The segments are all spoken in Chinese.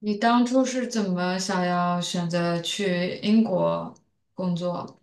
你当初是怎么想要选择去英国工作？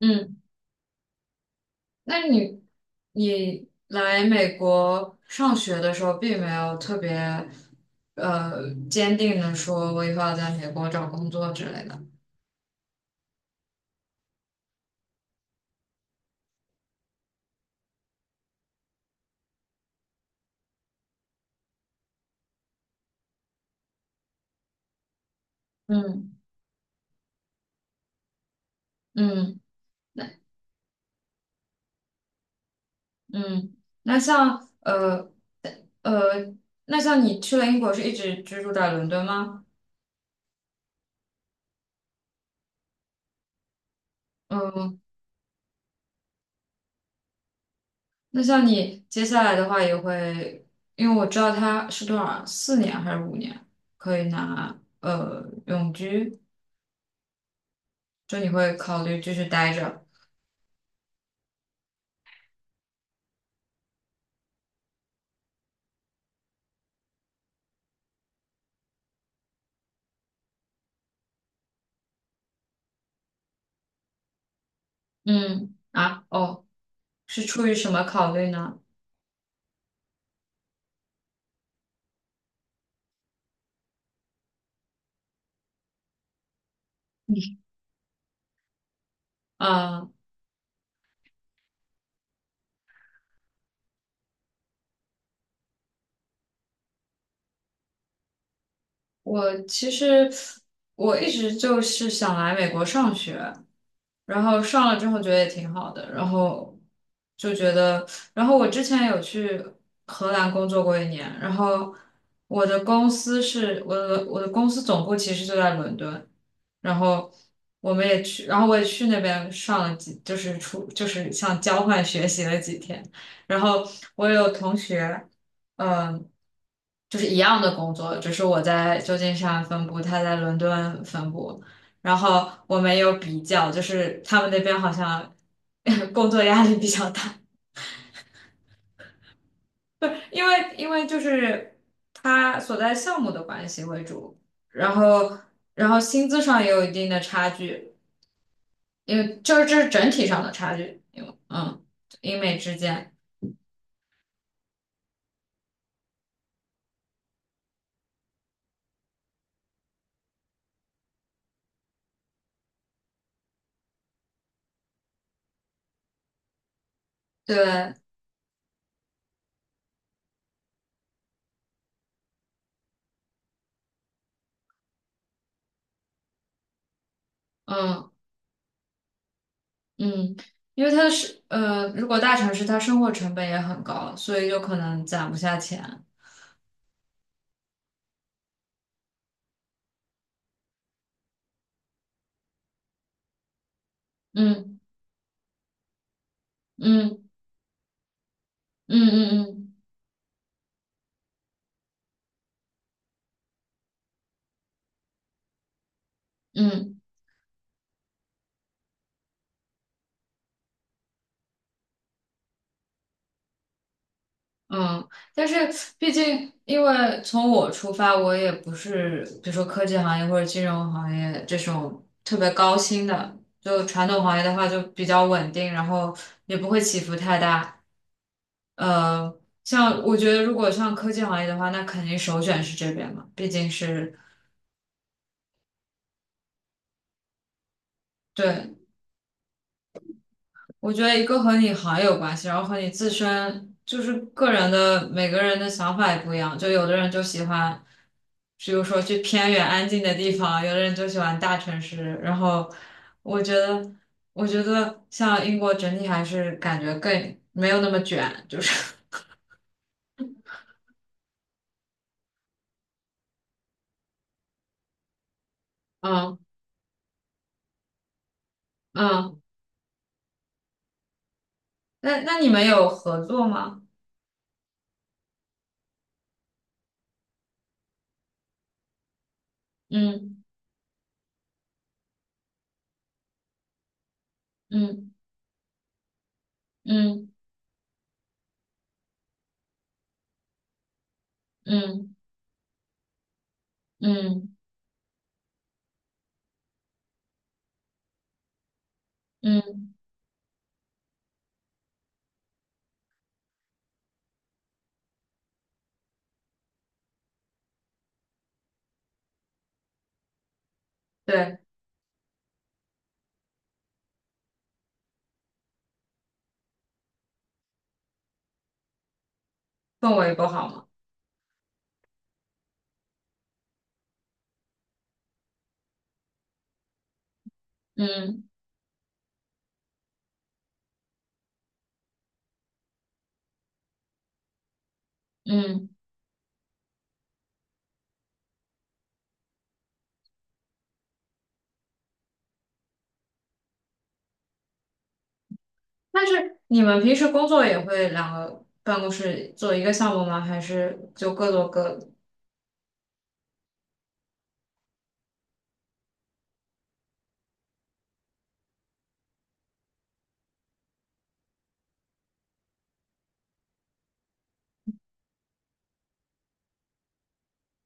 嗯，那你来美国上学的时候，并没有特别坚定的说我以后要在美国找工作之类的。嗯嗯，那嗯，那像呃呃，那像你去了英国，是一直居住在伦敦吗？嗯，那像你接下来的话也会，因为我知道他是多少，4年还是五年可以拿永居，就你会考虑继续待着。嗯啊哦，是出于什么考虑呢？啊，我其实我一直就是想来美国上学，然后上了之后觉得也挺好的，然后就觉得，然后我之前有去荷兰工作过一年，然后我的公司是我的公司总部其实就在伦敦，然后我们也去，然后我也去那边上了几，就是出就是像交换学习了几天，然后我有同学。嗯。就是一样的工作，只是我在旧金山分部，他在伦敦分部。然后我没有比较，就是他们那边好像 工作压力比较大。不是因为就是他所在项目的关系为主，然后然后薪资上也有一定的差距，因为就是这是整体上的差距，因为英美之间，对，嗯嗯，因为他是呃，如果大城市它生活成本也很高，所以就可能攒不下钱。嗯嗯嗯嗯嗯嗯。嗯嗯，但是毕竟，因为从我出发，我也不是比如说科技行业或者金融行业这种特别高薪的，就传统行业的话就比较稳定，然后也不会起伏太大。呃，像我觉得如果像科技行业的话，那肯定首选是这边嘛，毕竟是。对。我觉得一个和你行业有关系，然后和你自身就是个人的每个人的想法也不一样。就有的人就喜欢，比如说去偏远安静的地方，有的人就喜欢大城市。然后我觉得，我觉得像英国整体还是感觉更没有那么卷，就是。 嗯嗯。那你们有合作吗？嗯嗯嗯嗯嗯嗯嗯对，氛围不好吗？嗯嗯。但是你们平时工作也会两个办公室做一个项目吗？还是就各做各的？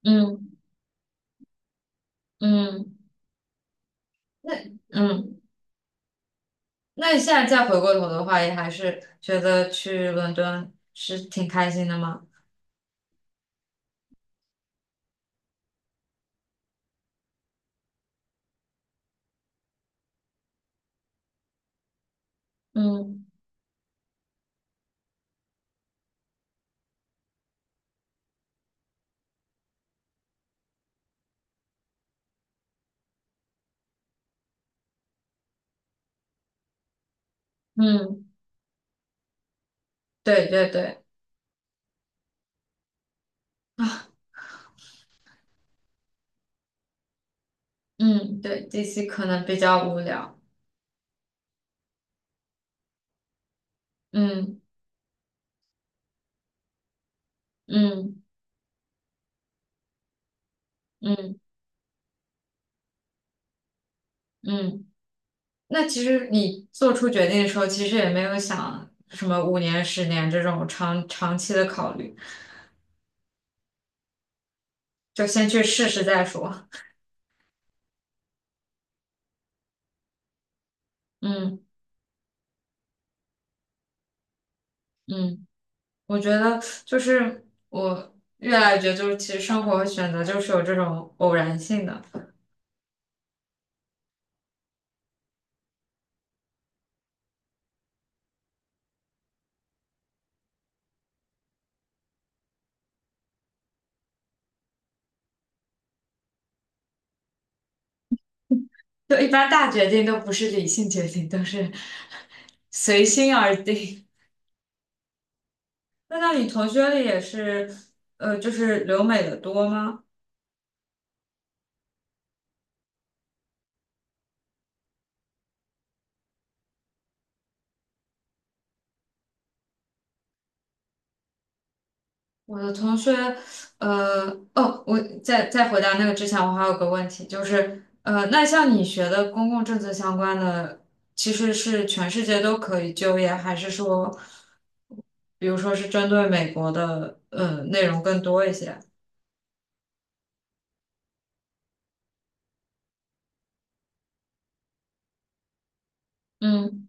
嗯嗯，那嗯，那你现在再回过头的话，也还是觉得去伦敦是挺开心的吗？嗯嗯，对对对，嗯对，DC 可能比较无聊。嗯嗯嗯嗯，那其实你做出决定的时候，其实也没有想什么五年、10年这种长期的考虑，就先去试试再说。嗯嗯，我觉得就是我越来越觉得，就是其实生活和选择就是有这种偶然性的，就一般大决定都不是理性决定，都是。 随心而定。那你同学里也是，就是留美的多吗？我的同学，呃，哦，我在回答那个之前，我还有个问题，就是，那像你学的公共政策相关的，其实是全世界都可以就业，还是说，比如说是针对美国的，内容更多一些？嗯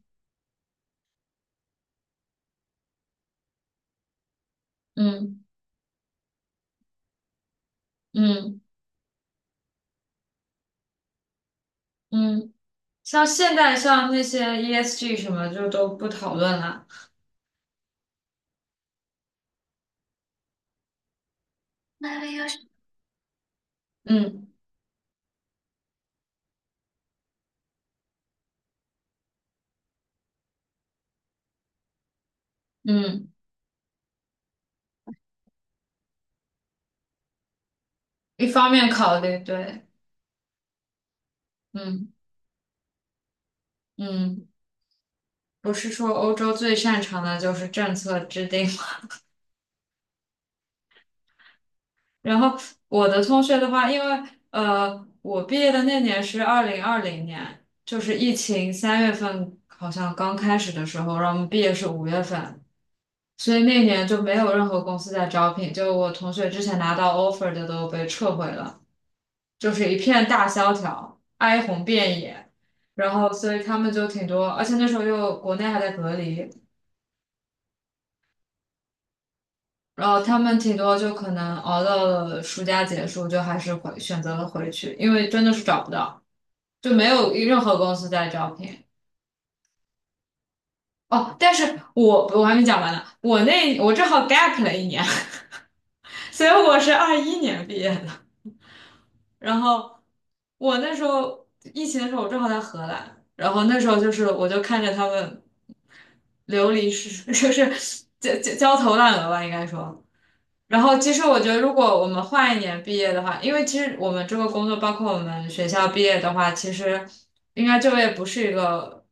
嗯嗯嗯，像现在像那些 ESG 什么就都不讨论了。嗯嗯，一方面考虑，对，嗯嗯。不是说欧洲最擅长的就是政策制定吗？然后我的同学的话，因为我毕业的那年是2020年，就是疫情3月份好像刚开始的时候，然后我们毕业是5月份，所以那年就没有任何公司在招聘，就我同学之前拿到 offer 的都被撤回了，就是一片大萧条，哀鸿遍野。然后所以他们就挺多，而且那时候又国内还在隔离，然后他们挺多就可能熬到了暑假结束，就还是回选择了回去，因为真的是找不到，就没有任何公司在招聘。哦，但是我还没讲完呢，我正好 gap 了一年。所以我是21年毕业的。然后我那时候疫情的时候，我正好在荷兰，然后那时候就是我就看着他们流离失，就是焦头烂额吧，应该说。然后，其实我觉得，如果我们换一年毕业的话，因为其实我们这个工作，包括我们学校毕业的话，其实应该就业不是一个，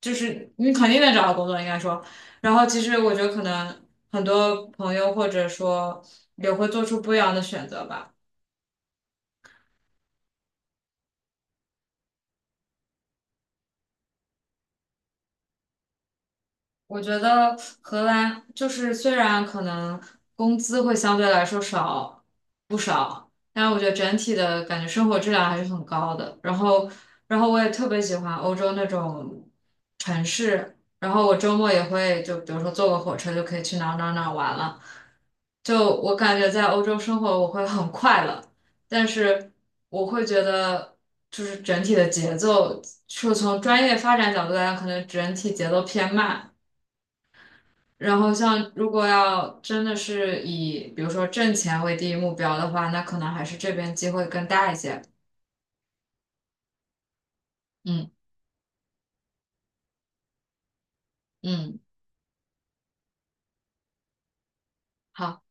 就是你肯定能找到工作，应该说。然后，其实我觉得可能很多朋友或者说也会做出不一样的选择吧。我觉得荷兰就是虽然可能工资会相对来说少不少，但是我觉得整体的感觉生活质量还是很高的。然后，然后我也特别喜欢欧洲那种城市。然后我周末也会就比如说坐个火车就可以去哪儿哪儿哪儿玩了。就我感觉在欧洲生活我会很快乐，但是我会觉得就是整体的节奏，就从专业发展角度来讲，可能整体节奏偏慢。然后像如果要真的是以比如说挣钱为第一目标的话，那可能还是这边机会更大一些。嗯嗯。好。